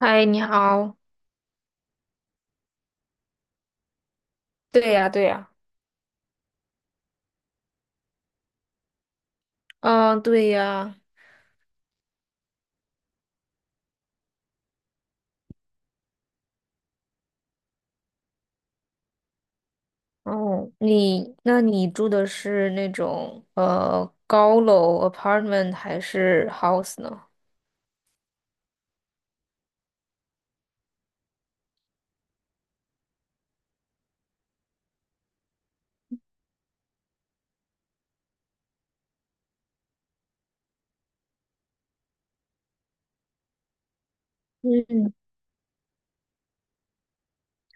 嗨，你好。对呀，对呀，嗯，对呀，哦，那你住的是那种高楼 apartment 还是 house 呢？嗯，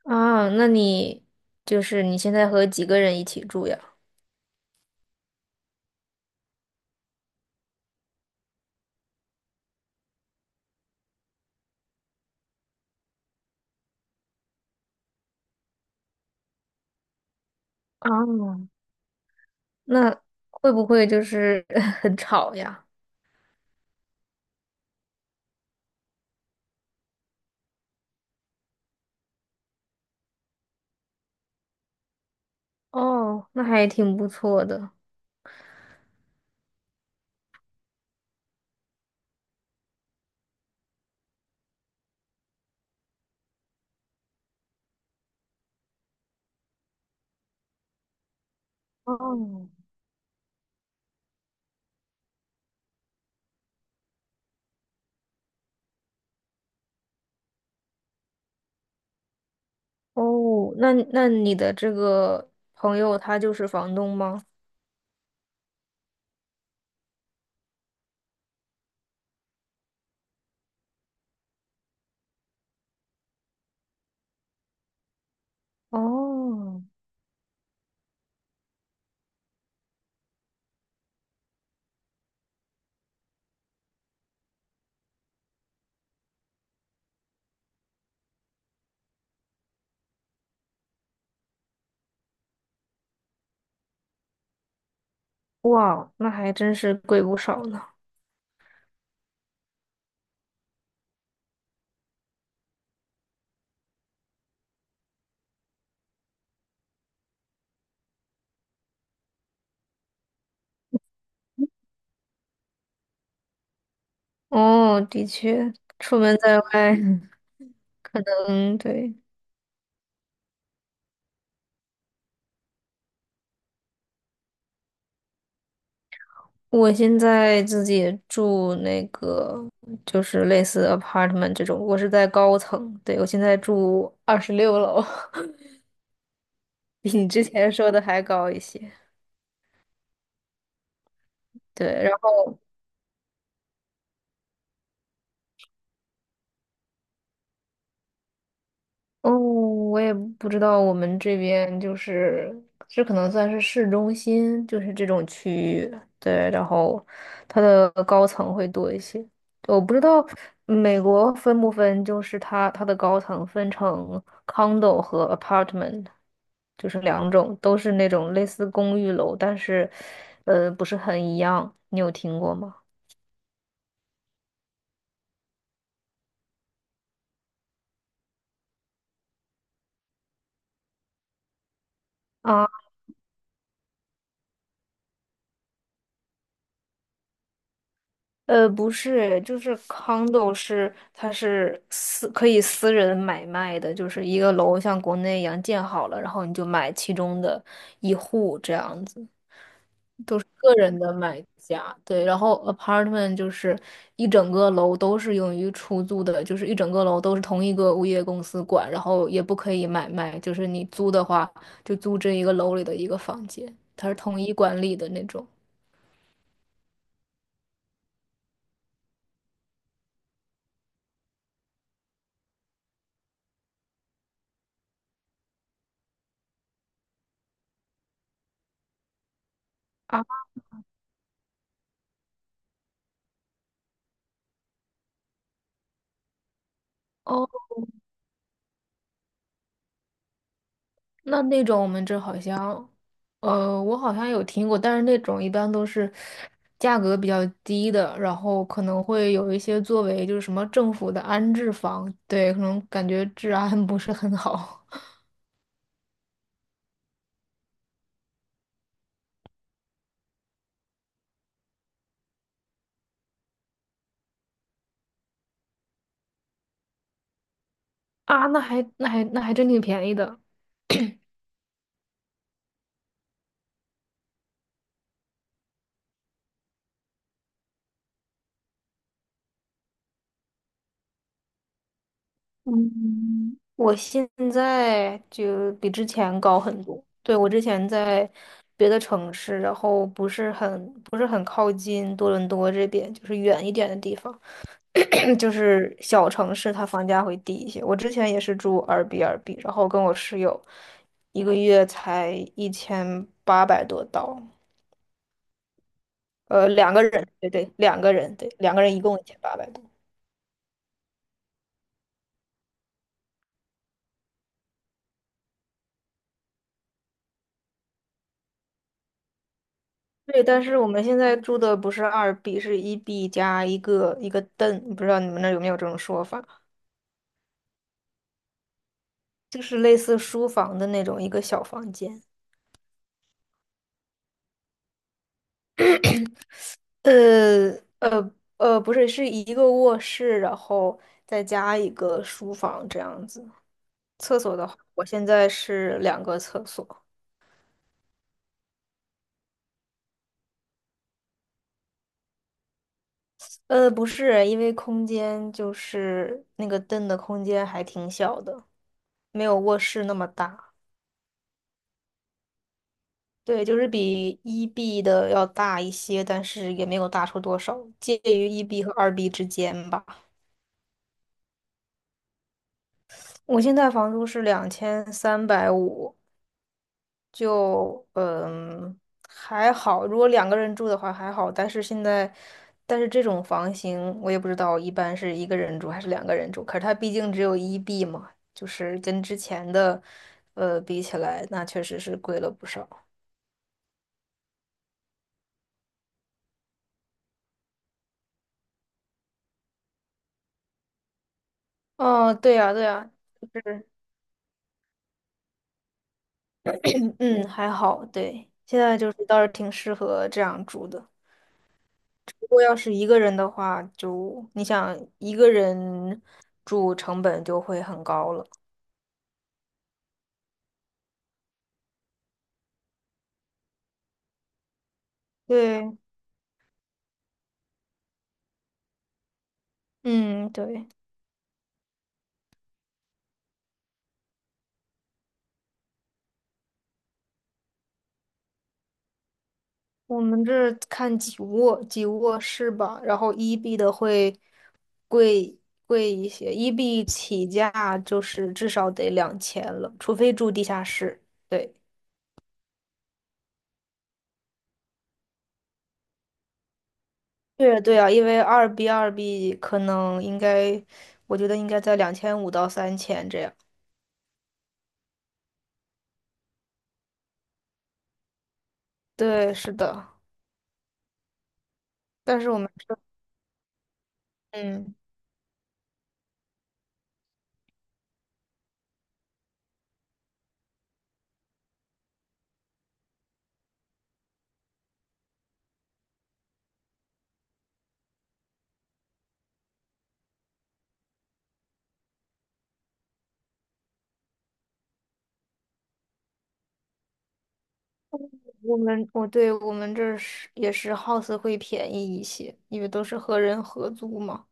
啊，那你就是你现在和几个人一起住呀？啊，那会不会就是 很吵呀？哦，那还挺不错的。哦，哦，那你的这个朋友他就是房东吗？哦，哇，那还真是贵不少呢。哦，的确，出门在外，嗯，对，我现在自己住那个就是类似 apartment 这种，我是在高层，对，我现在住26楼，比你之前说的还高一些。对，然后。哦，我也不知道，我们这边就是这可能算是市中心，就是这种区域，对，然后它的高层会多一些。我不知道美国分不分，就是它的高层分成 condo 和 apartment，就是两种，都是那种类似公寓楼，但是不是很一样。你有听过吗？啊。不是，就是 condo 是它是可以私人买卖的，就是一个楼像国内一样建好了，然后你就买其中的一户这样子，个人的买家。对，然后 apartment 就是一整个楼都是用于出租的，就是一整个楼都是同一个物业公司管，然后也不可以买卖，就是你租的话就租这一个楼里的一个房间，它是统一管理的那种。啊，哦，那种我们这好像，我好像有听过，但是那种一般都是价格比较低的，然后可能会有一些作为就是什么政府的安置房，对，可能感觉治安不是很好 啊。那还真挺便宜的，嗯，我现在就比之前高很多。对，我之前在别的城市，然后不是很靠近多伦多这边，就是远一点的地方。就是小城市它房价会低一些。我之前也是住二 b 二 b 然后跟我室友一个月才一千八百多刀，两个人，对对，两个人，对，两个人一共一千八百多。对，但是我们现在住的不是二 B，是一 B 加一个凳，不知道你们那儿有没有这种说法，就是类似书房的那种一个小房间。呃呃不是，是一个卧室，然后再加一个书房这样子。厕所的话，我现在是两个厕所。不是，因为空间就是那个凳的空间还挺小的，没有卧室那么大。对，就是比一 B 的要大一些，但是也没有大出多少，介于一 B 和二 B 之间吧。我现在房租是2350，就还好，如果两个人住的话还好，但是这种房型我也不知道一般是一个人住还是两个人住，可是它毕竟只有一 B 嘛，就是跟之前的比起来，那确实是贵了不少。哦，对呀，对呀，是，嗯，还好，对，现在就是倒是挺适合这样住的。如果要是一个人的话，就你想一个人住成本就会很高了。对，嗯，对。我们这看几卧室吧，然后一 B 的会贵贵一些，一 B 起价就是至少得2000了，除非住地下室。对，对对啊，因为二 B 二 B 可能应该，我觉得应该在2500到3000这样。对，是的，但是我们这，嗯。我们我对，我们这儿是也是 house 会便宜一些，因为都是和人合租嘛，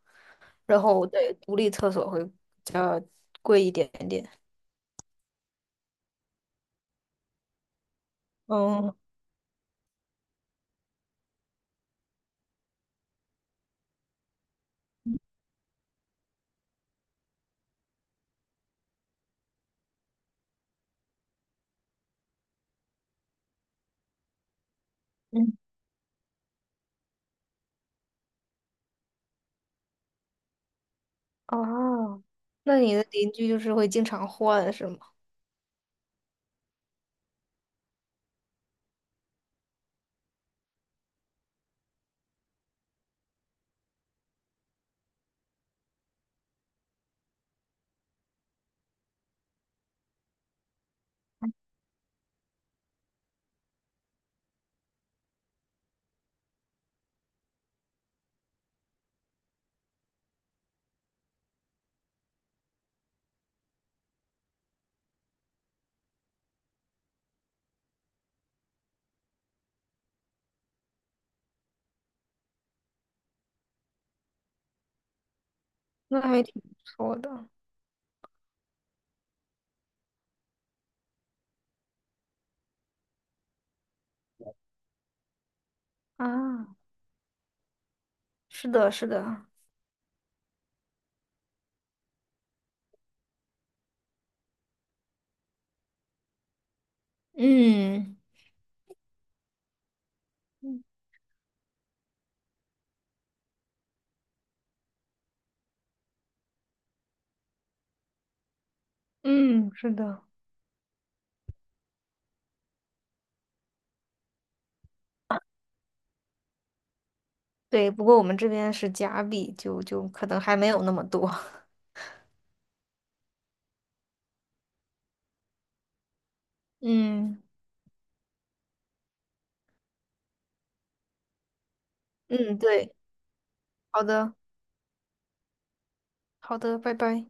然后对独立厕所会比较贵一点点。嗯嗯哦，那你的邻居就是会经常换是吗？那还挺不错的啊。是的，是的，嗯嗯，嗯，是的，对。不过我们这边是假币，就可能还没有那么多。嗯嗯，对，好的，好的，拜拜。